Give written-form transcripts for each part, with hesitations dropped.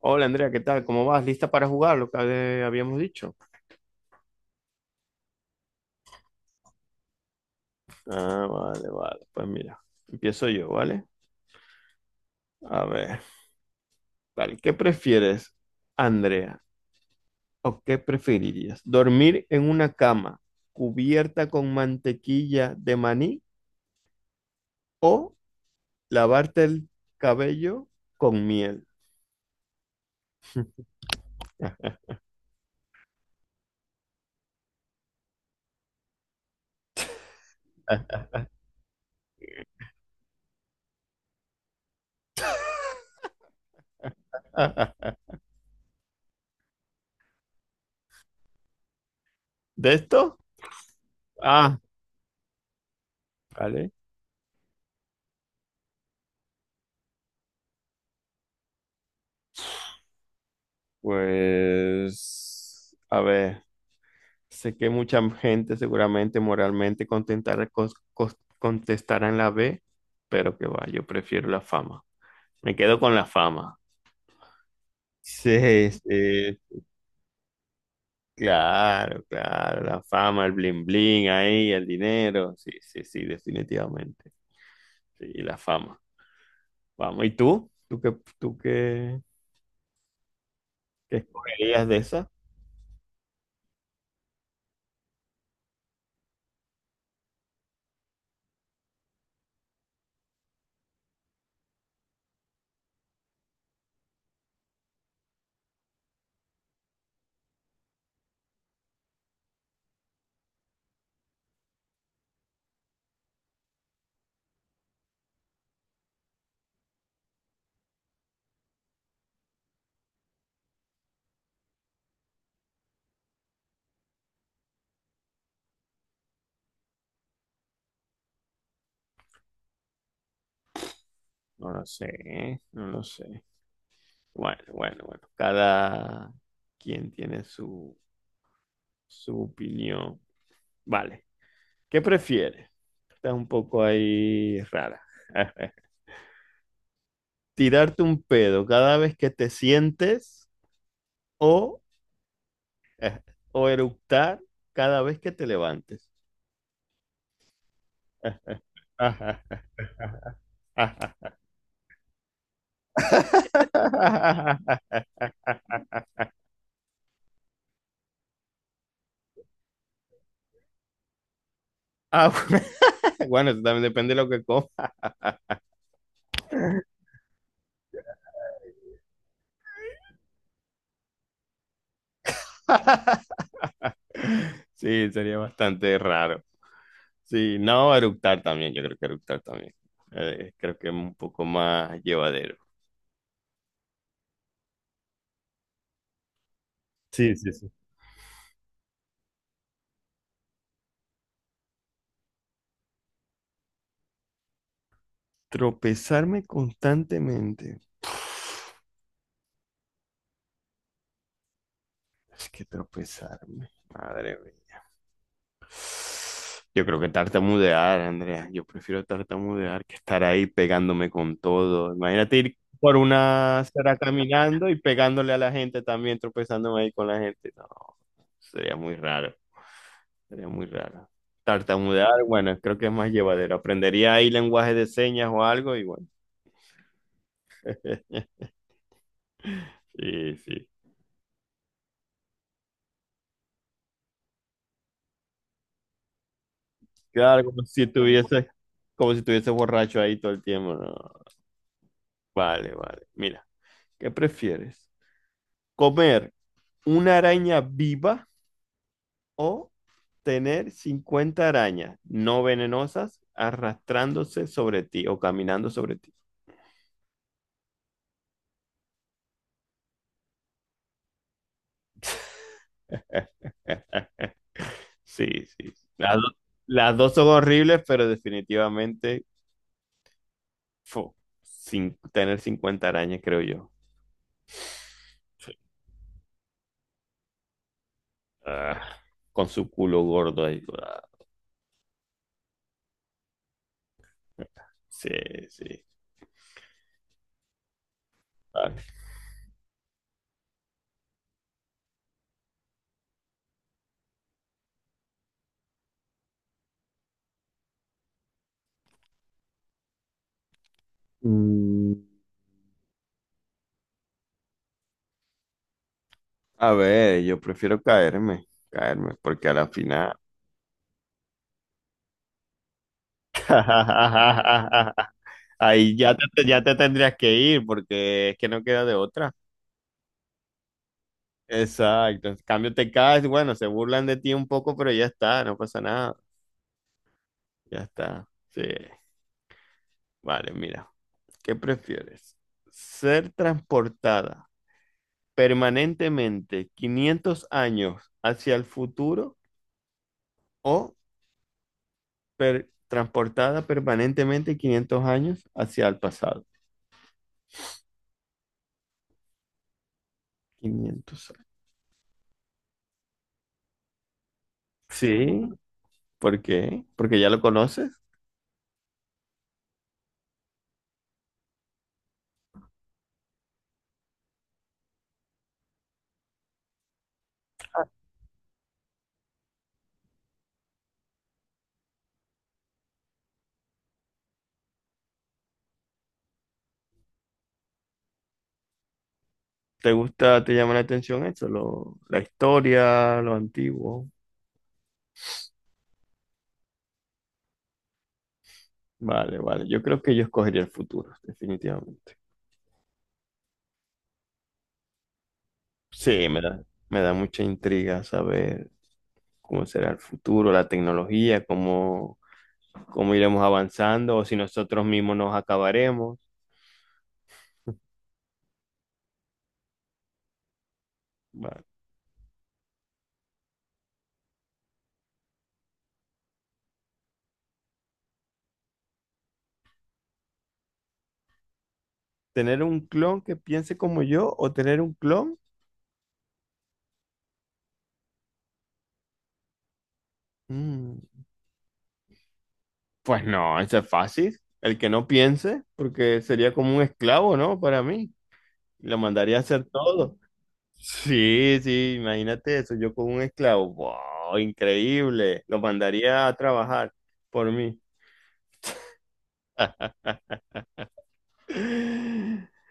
Hola Andrea, ¿qué tal? ¿Cómo vas? ¿Lista para jugar lo que habíamos dicho? Ah, vale, vale. Pues mira, empiezo yo, ¿vale? A ver, vale. ¿Qué prefieres, Andrea? ¿O qué preferirías? ¿Dormir en una cama cubierta con mantequilla de maní o lavarte el cabello con miel? ¿De esto? Ah, vale. Pues, a ver. Sé que mucha gente seguramente moralmente contestará en la B, pero que va, yo prefiero la fama. Me quedo con la fama. Sí, sí, claro, claro, la fama, el bling bling ahí, el dinero. Sí, sí, sí, definitivamente. Sí, la fama. Vamos, ¿y tú? ¿Qué escogerías de esa? No lo sé, no lo sé. Bueno, bueno, bueno, cada quien tiene su opinión. Vale. ¿Qué prefieres? Está un poco ahí rara. ¿Tirarte un pedo cada vez que te sientes o, o eructar cada vez que te levantes? Ah, bueno, bueno, eso también depende de lo que comas. Sí, sería bastante raro. Sí, no, eructar también, yo creo que eructar también. Creo que es un poco más llevadero. Sí, sí, sí. Tropezarme constantemente. Es que tropezarme, madre mía. Yo creo que tartamudear, Andrea. Yo prefiero tartamudear que estar ahí pegándome con todo. Imagínate ir por una acera caminando y pegándole a la gente también, tropezándome ahí con la gente. No, sería muy raro. Sería muy raro. Tartamudear, bueno, creo que es más llevadero. Aprendería ahí lenguaje de señas o algo, y bueno. Sí, sí. Claro, como si tuviese borracho ahí todo el tiempo. No. Vale, vale. Mira, ¿qué prefieres? ¿Comer una araña viva o tener 50 arañas no venenosas arrastrándose sobre ti o caminando sobre ti? Sí, sí. Las dos son horribles, pero definitivamente, fu, sin tener 50 arañas, creo yo. Ah, con su culo gordo ahí. Ah, sí, sí. Ah. Mm, A ver, yo prefiero caerme, caerme, porque a la final. Ahí ya te tendrías que ir, porque es que no queda de otra. Exacto. En cambio, te caes, bueno, se burlan de ti un poco, pero ya está, no pasa nada. Ya está. Sí. Vale, mira. ¿Qué prefieres? ¿Ser transportada permanentemente 500 años hacia el futuro o transportada permanentemente 500 años hacia el pasado? 500 años. Sí, ¿por qué? Porque ya lo conoces. ¿Te gusta, te llama la atención eso? La historia, lo antiguo. Vale, vale. Yo creo que yo escogería el futuro, definitivamente. Sí, me da mucha intriga saber cómo será el futuro, la tecnología, cómo iremos avanzando, o si nosotros mismos nos acabaremos. Va. ¿Tener un clon que piense como yo o tener un clon? Mm, pues no, eso es fácil. El que no piense, porque sería como un esclavo, ¿no? Para mí. Lo mandaría a hacer todo. Sí, sí, imagínate eso, yo con un esclavo, wow, increíble, lo mandaría a trabajar por mí.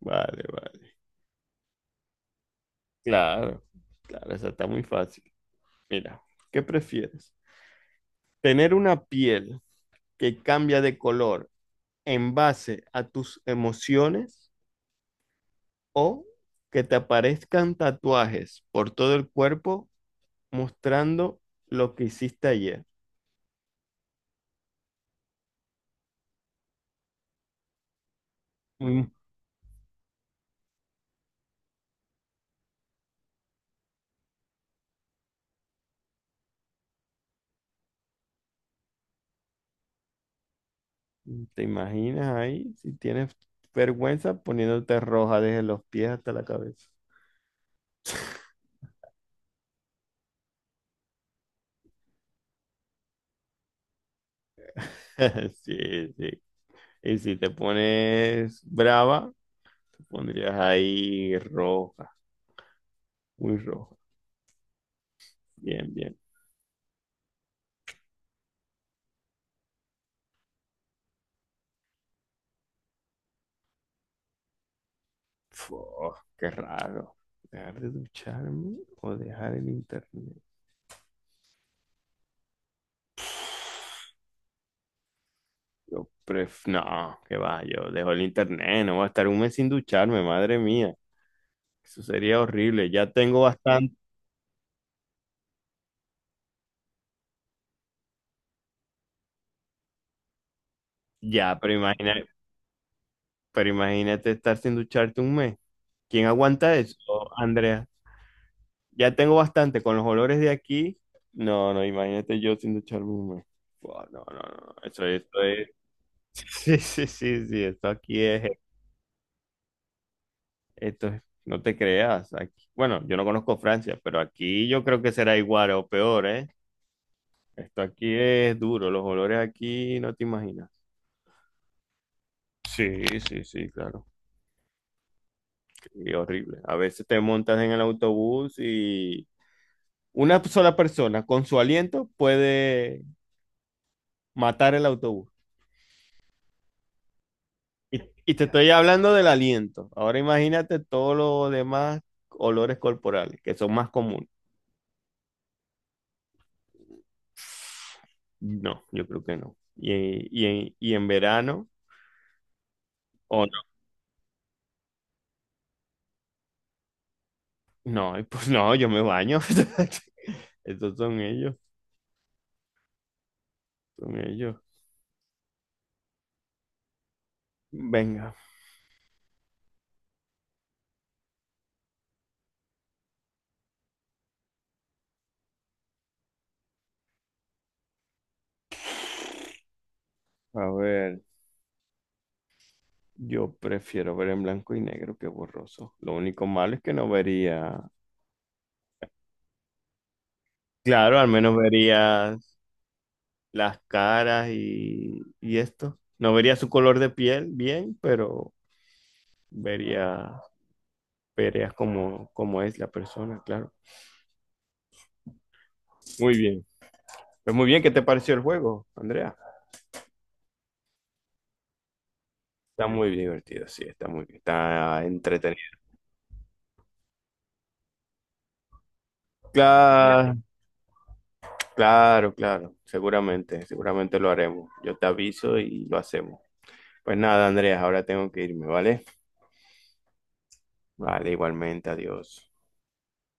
Vale, vale. Claro, claro, esa está muy fácil. Mira, ¿qué prefieres? ¿Tener una piel que cambia de color en base a tus emociones o que te aparezcan tatuajes por todo el cuerpo mostrando lo que hiciste ayer? Mm, ¿Te imaginas ahí si tienes vergüenza poniéndote roja desde los pies hasta la cabeza? Sí, sí. Y si te pones brava, tú pondrías ahí roja, muy roja. Bien, bien. Fu, qué raro. ¿Dejar de ducharme o dejar el internet? No, qué va, yo dejo el internet, no voy a estar un mes sin ducharme, madre mía. Eso sería horrible. Ya tengo bastante. Ya, pero imagínate estar sin ducharte un mes. ¿Quién aguanta eso, Andrea? Ya tengo bastante con los olores de aquí. No, no, imagínate yo sin ducharme un mes. Buah, no, no, no. Eso es. Sí, sí, sí, sí, esto aquí es, esto es, no te creas, aquí, bueno, yo no conozco Francia, pero aquí yo creo que será igual o peor, ¿eh? Esto aquí es duro, los olores aquí no te imaginas. Sí, sí, sí, claro, y horrible. A veces te montas en el autobús y una sola persona con su aliento puede matar el autobús. Y te estoy hablando del aliento. Ahora imagínate todos los demás olores corporales, que son más comunes. No, yo creo que no. Y, y en verano, o no, no, pues no, yo me baño. Estos son ellos, son ellos. Venga, a ver, yo prefiero ver en blanco y negro que borroso. Lo único malo es que no vería, claro, al menos verías las caras y, esto. No vería su color de piel bien, pero vería, verías cómo es la persona, claro. Muy bien. Pues muy bien, ¿qué te pareció el juego, Andrea? Está muy divertido, sí, está entretenido. Claro, claro, claro, seguramente, seguramente lo haremos. Yo te aviso y lo hacemos. Pues nada, Andrea, ahora tengo que irme, ¿vale? Vale, igualmente, adiós.